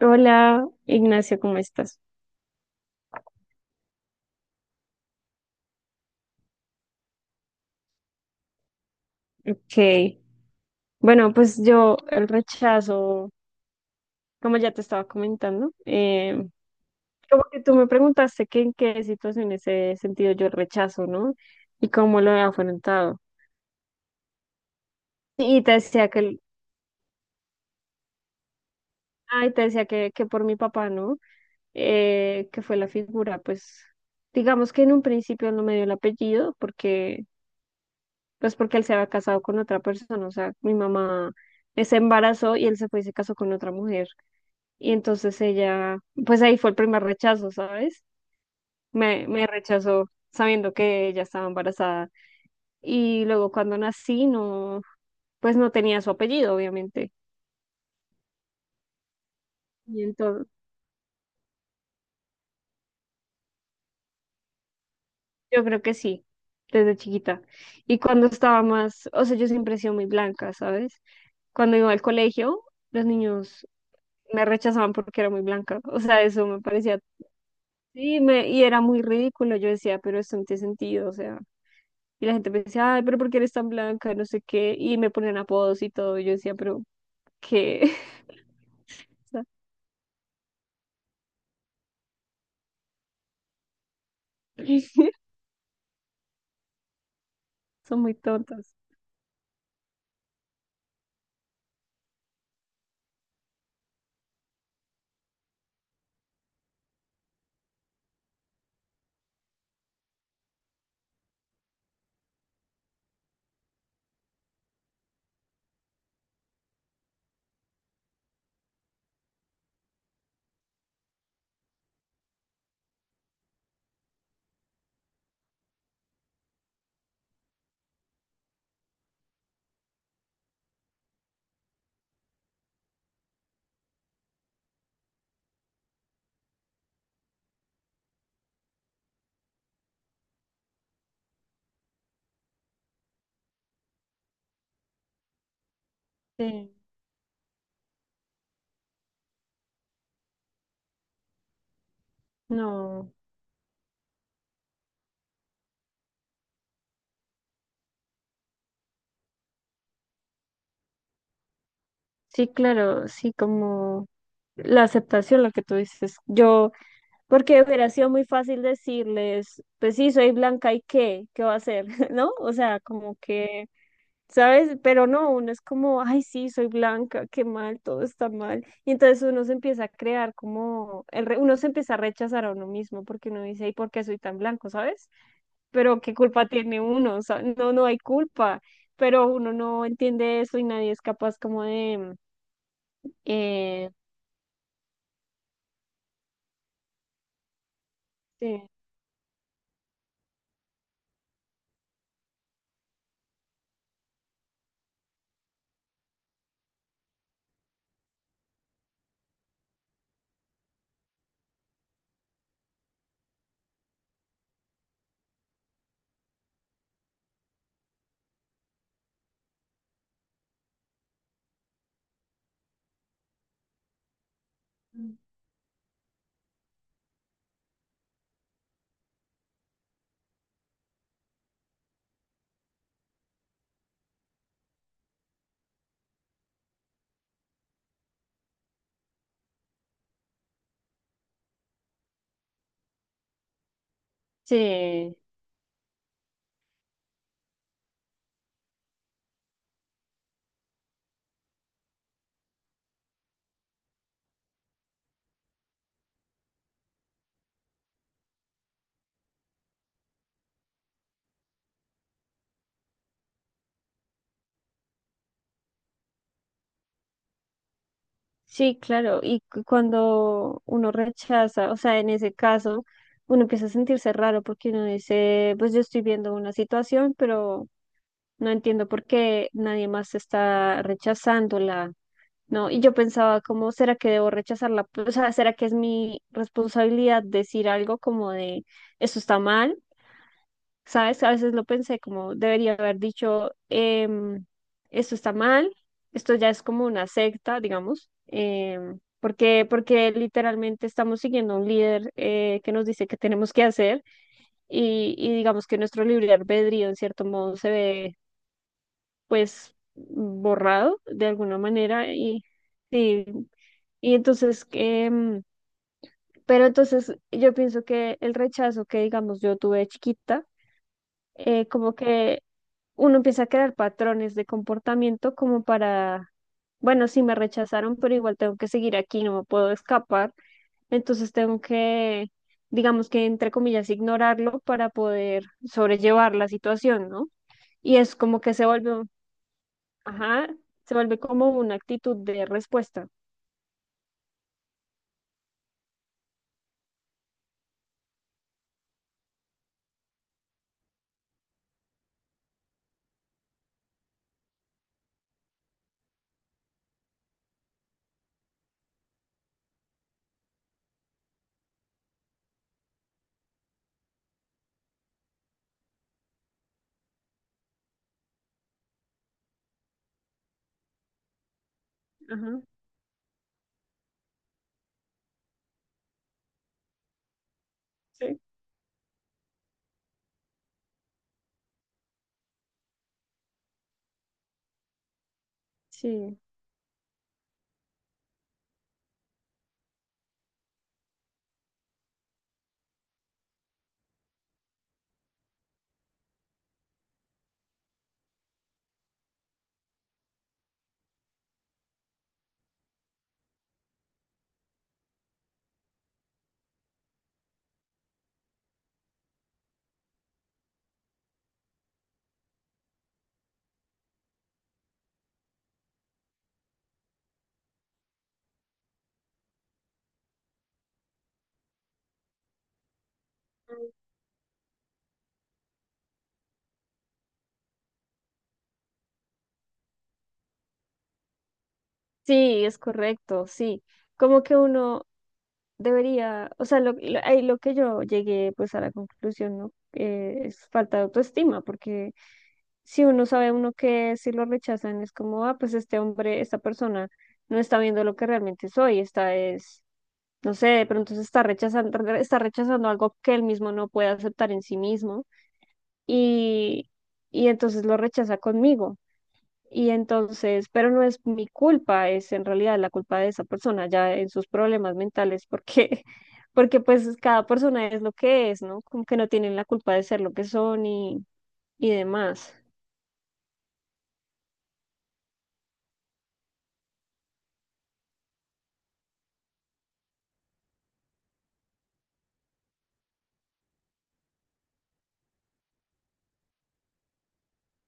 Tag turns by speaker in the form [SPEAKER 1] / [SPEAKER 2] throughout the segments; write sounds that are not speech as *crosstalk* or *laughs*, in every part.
[SPEAKER 1] Hola, Ignacio, ¿cómo estás? Ok. Bueno, pues yo el rechazo, como ya te estaba comentando, como que tú me preguntaste que en qué situaciones he sentido yo el rechazo, ¿no? Y cómo lo he afrontado. Y te decía que, ay, te decía que por mi papá, ¿no? Que fue la figura, pues, digamos que en un principio no me dio el apellido porque, pues porque él se había casado con otra persona, o sea, mi mamá se embarazó y él se fue y se casó con otra mujer. Y entonces ella, pues ahí fue el primer rechazo, ¿sabes? Me rechazó sabiendo que ella estaba embarazada. Y luego cuando nací, no, pues no tenía su apellido, obviamente. Y entonces, yo creo que sí, desde chiquita. Y cuando estaba más, o sea, yo siempre he sido muy blanca, ¿sabes? Cuando iba al colegio, los niños me rechazaban porque era muy blanca. O sea, eso me parecía, sí, me, y era muy ridículo. Yo decía, pero esto no tiene sentido, o sea. Y la gente me decía, ay, pero ¿por qué eres tan blanca? No sé qué. Y me ponían apodos y todo. Y yo decía, pero ¿qué? *laughs* O sea, son muy tontas. Sí, no. Sí, claro, sí, como la aceptación, lo que tú dices. Yo, porque hubiera sido muy fácil decirles, pues sí, soy blanca y qué, ¿qué va a hacer? *laughs* ¿No? O sea, como que ¿sabes? Pero no, uno es como, ay, sí, soy blanca, qué mal, todo está mal. Y entonces uno se empieza a crear como, uno se empieza a rechazar a uno mismo porque uno dice, ¿y por qué soy tan blanco? ¿Sabes? Pero ¿qué culpa tiene uno? O sea, no, no hay culpa, pero uno no entiende eso y nadie es capaz como de... Eh, sí. Sí, sí, claro. Y cuando uno rechaza, o sea, en ese caso, uno empieza a sentirse raro porque uno dice, pues yo estoy viendo una situación, pero no entiendo por qué nadie más está rechazándola, ¿no? Y yo pensaba, ¿cómo será que debo rechazarla? Pues, o sea, ¿será que es mi responsabilidad decir algo como de, eso está mal? ¿Sabes? A veces lo pensé como, debería haber dicho, em, esto está mal, esto ya es como una secta, digamos, porque, porque literalmente estamos siguiendo a un líder que nos dice que tenemos que hacer. Y digamos que nuestro libre albedrío en cierto modo se ve pues borrado de alguna manera y sí, y entonces que, pero entonces yo pienso que el rechazo que digamos yo tuve de chiquita, como que uno empieza a crear patrones de comportamiento como para, bueno, sí me rechazaron, pero igual tengo que seguir aquí, no me puedo escapar, entonces tengo que, digamos que entre comillas, ignorarlo para poder sobrellevar la situación, ¿no? Y es como que se vuelve. Ajá, se vuelve como una actitud de respuesta. Ajá, sí. Sí, sí, es correcto, sí. Como que uno debería, o sea, ahí lo que yo llegué pues a la conclusión, ¿no? Es falta de autoestima, porque si uno sabe uno que si lo rechazan es como, ah, pues este hombre, esta persona no está viendo lo que realmente soy, esta es, no sé, de pronto se está rechazando algo que él mismo no puede aceptar en sí mismo, y, y entonces lo rechaza conmigo. Y entonces, pero no es mi culpa, es en realidad la culpa de esa persona ya en sus problemas mentales, porque *laughs* porque pues cada persona es lo que es, ¿no? Como que no tienen la culpa de ser lo que son y demás.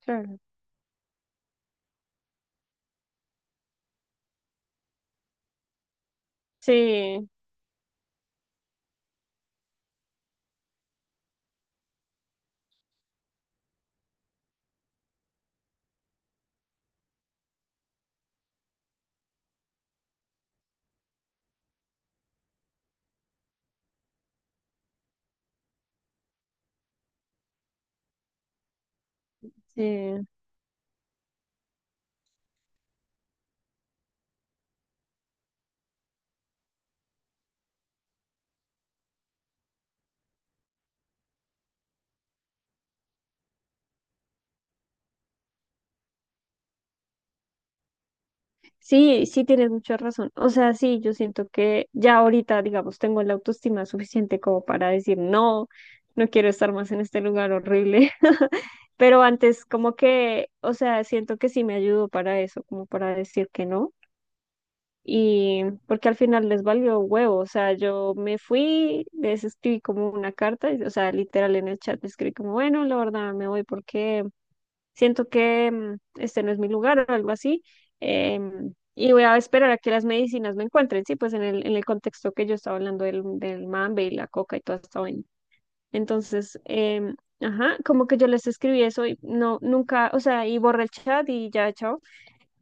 [SPEAKER 1] Claro. Sí, sí. Sí, sí tienes mucha razón. O sea, sí, yo siento que ya ahorita, digamos, tengo la autoestima suficiente como para decir, no, no quiero estar más en este lugar horrible. *laughs* Pero antes, como que, o sea, siento que sí me ayudó para eso, como para decir que no. Y porque al final les valió huevo, o sea, yo me fui, les escribí como una carta, o sea, literal en el chat les escribí como, bueno, la verdad me voy porque siento que este no es mi lugar o algo así, y voy a esperar a que las medicinas me encuentren, sí, pues en el contexto que yo estaba hablando del, del mambe y la coca y toda esta vaina. Entonces, ajá, como que yo les escribí eso y no, nunca, o sea, y borré el chat y ya, chao.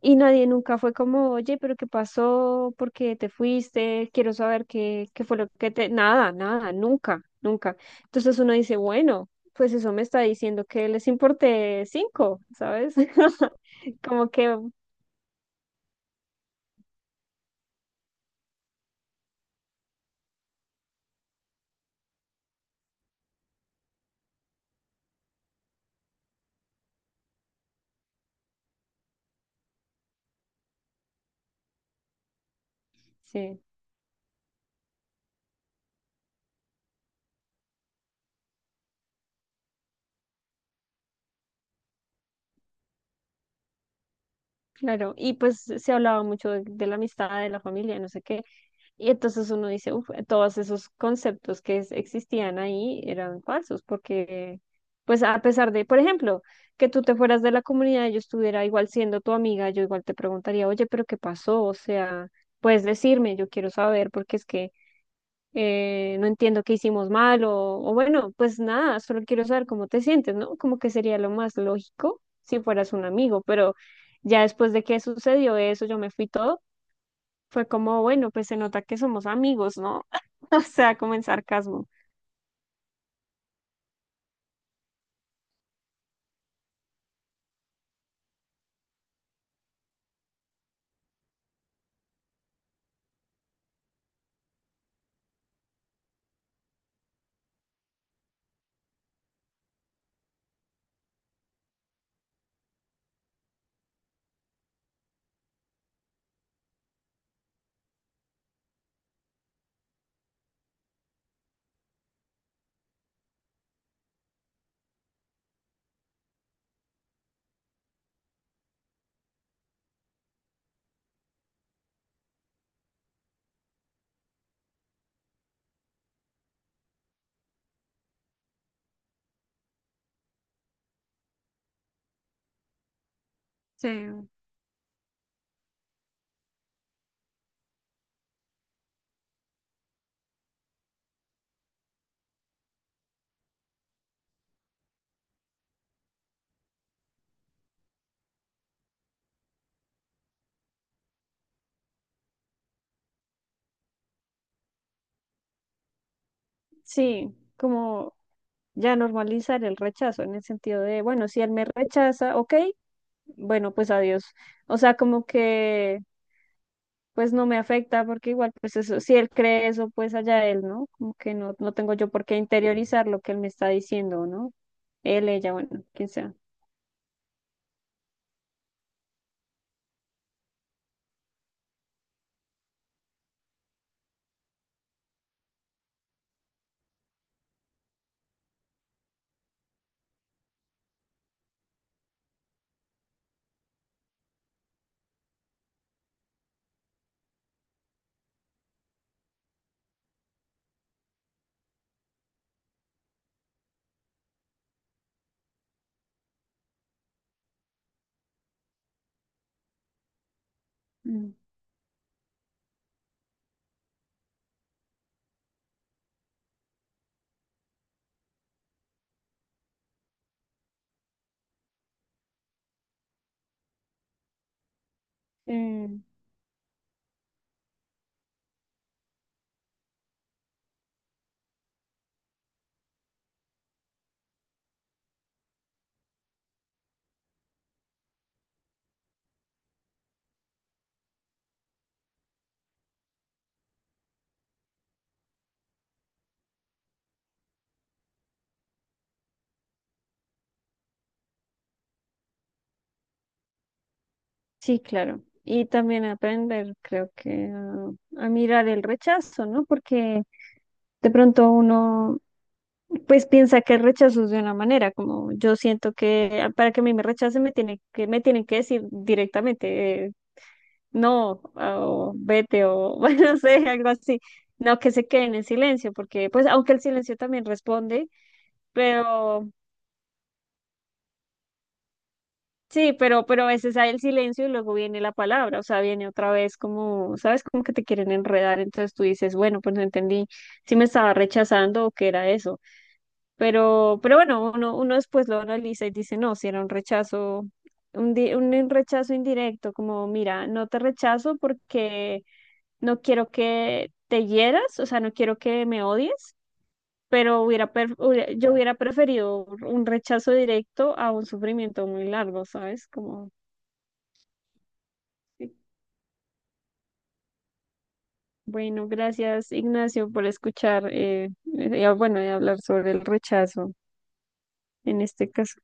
[SPEAKER 1] Y nadie nunca fue como, oye, pero ¿qué pasó? ¿Por qué te fuiste? Quiero saber qué, qué fue lo que te... Nada, nada, nunca, nunca. Entonces uno dice, bueno, pues eso me está diciendo que les importé cinco, ¿sabes? *laughs* Como que, sí, claro. Y pues se hablaba mucho de la amistad, de la familia, no sé qué. Y entonces uno dice, uff, todos esos conceptos que existían ahí eran falsos, porque, pues a pesar de, por ejemplo, que tú te fueras de la comunidad, yo estuviera igual siendo tu amiga, yo igual te preguntaría, oye, pero ¿qué pasó? O sea, puedes decirme, yo quiero saber, porque es que no entiendo qué hicimos mal, o bueno, pues nada, solo quiero saber cómo te sientes, ¿no? Como que sería lo más lógico si fueras un amigo, pero ya después de que sucedió eso, yo me fui todo fue como, bueno, pues se nota que somos amigos, ¿no? *laughs* O sea, como en sarcasmo. Sí, sí, como ya normalizar el rechazo en el sentido de, bueno, si él me rechaza, ok, bueno, pues adiós. O sea, como que pues no me afecta porque igual pues eso, si él cree eso, pues allá él, ¿no? Como que no, no tengo yo por qué interiorizar lo que él me está diciendo, ¿no? Él, ella, bueno, quien sea. Mm. Eh, Sí, claro. Y también aprender, creo que a mirar el rechazo, ¿no? Porque de pronto uno, pues piensa que el rechazo es de una manera, como yo siento que ah, para que a mí me rechacen me tienen que decir directamente, no, ah, o vete, o *laughs* bueno, no sé, algo así. No que se queden en silencio, porque pues aunque el silencio también responde, pero sí, pero a veces hay el silencio y luego viene la palabra, o sea, viene otra vez como, ¿sabes? Como que te quieren enredar, entonces tú dices, bueno, pues no entendí si me estaba rechazando o qué era eso. Pero bueno, uno, uno después lo analiza y dice, no, si era un rechazo, un, un rechazo indirecto, como, mira, no te rechazo porque no quiero que te hieras, o sea, no quiero que me odies, pero hubiera, yo hubiera preferido un rechazo directo a un sufrimiento muy largo, ¿sabes? Como... sí. Bueno, gracias Ignacio por escuchar, bueno, y hablar sobre el rechazo en este caso.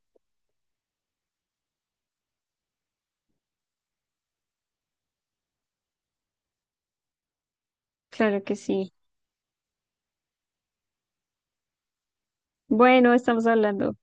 [SPEAKER 1] Claro que sí. Bueno, estamos hablando.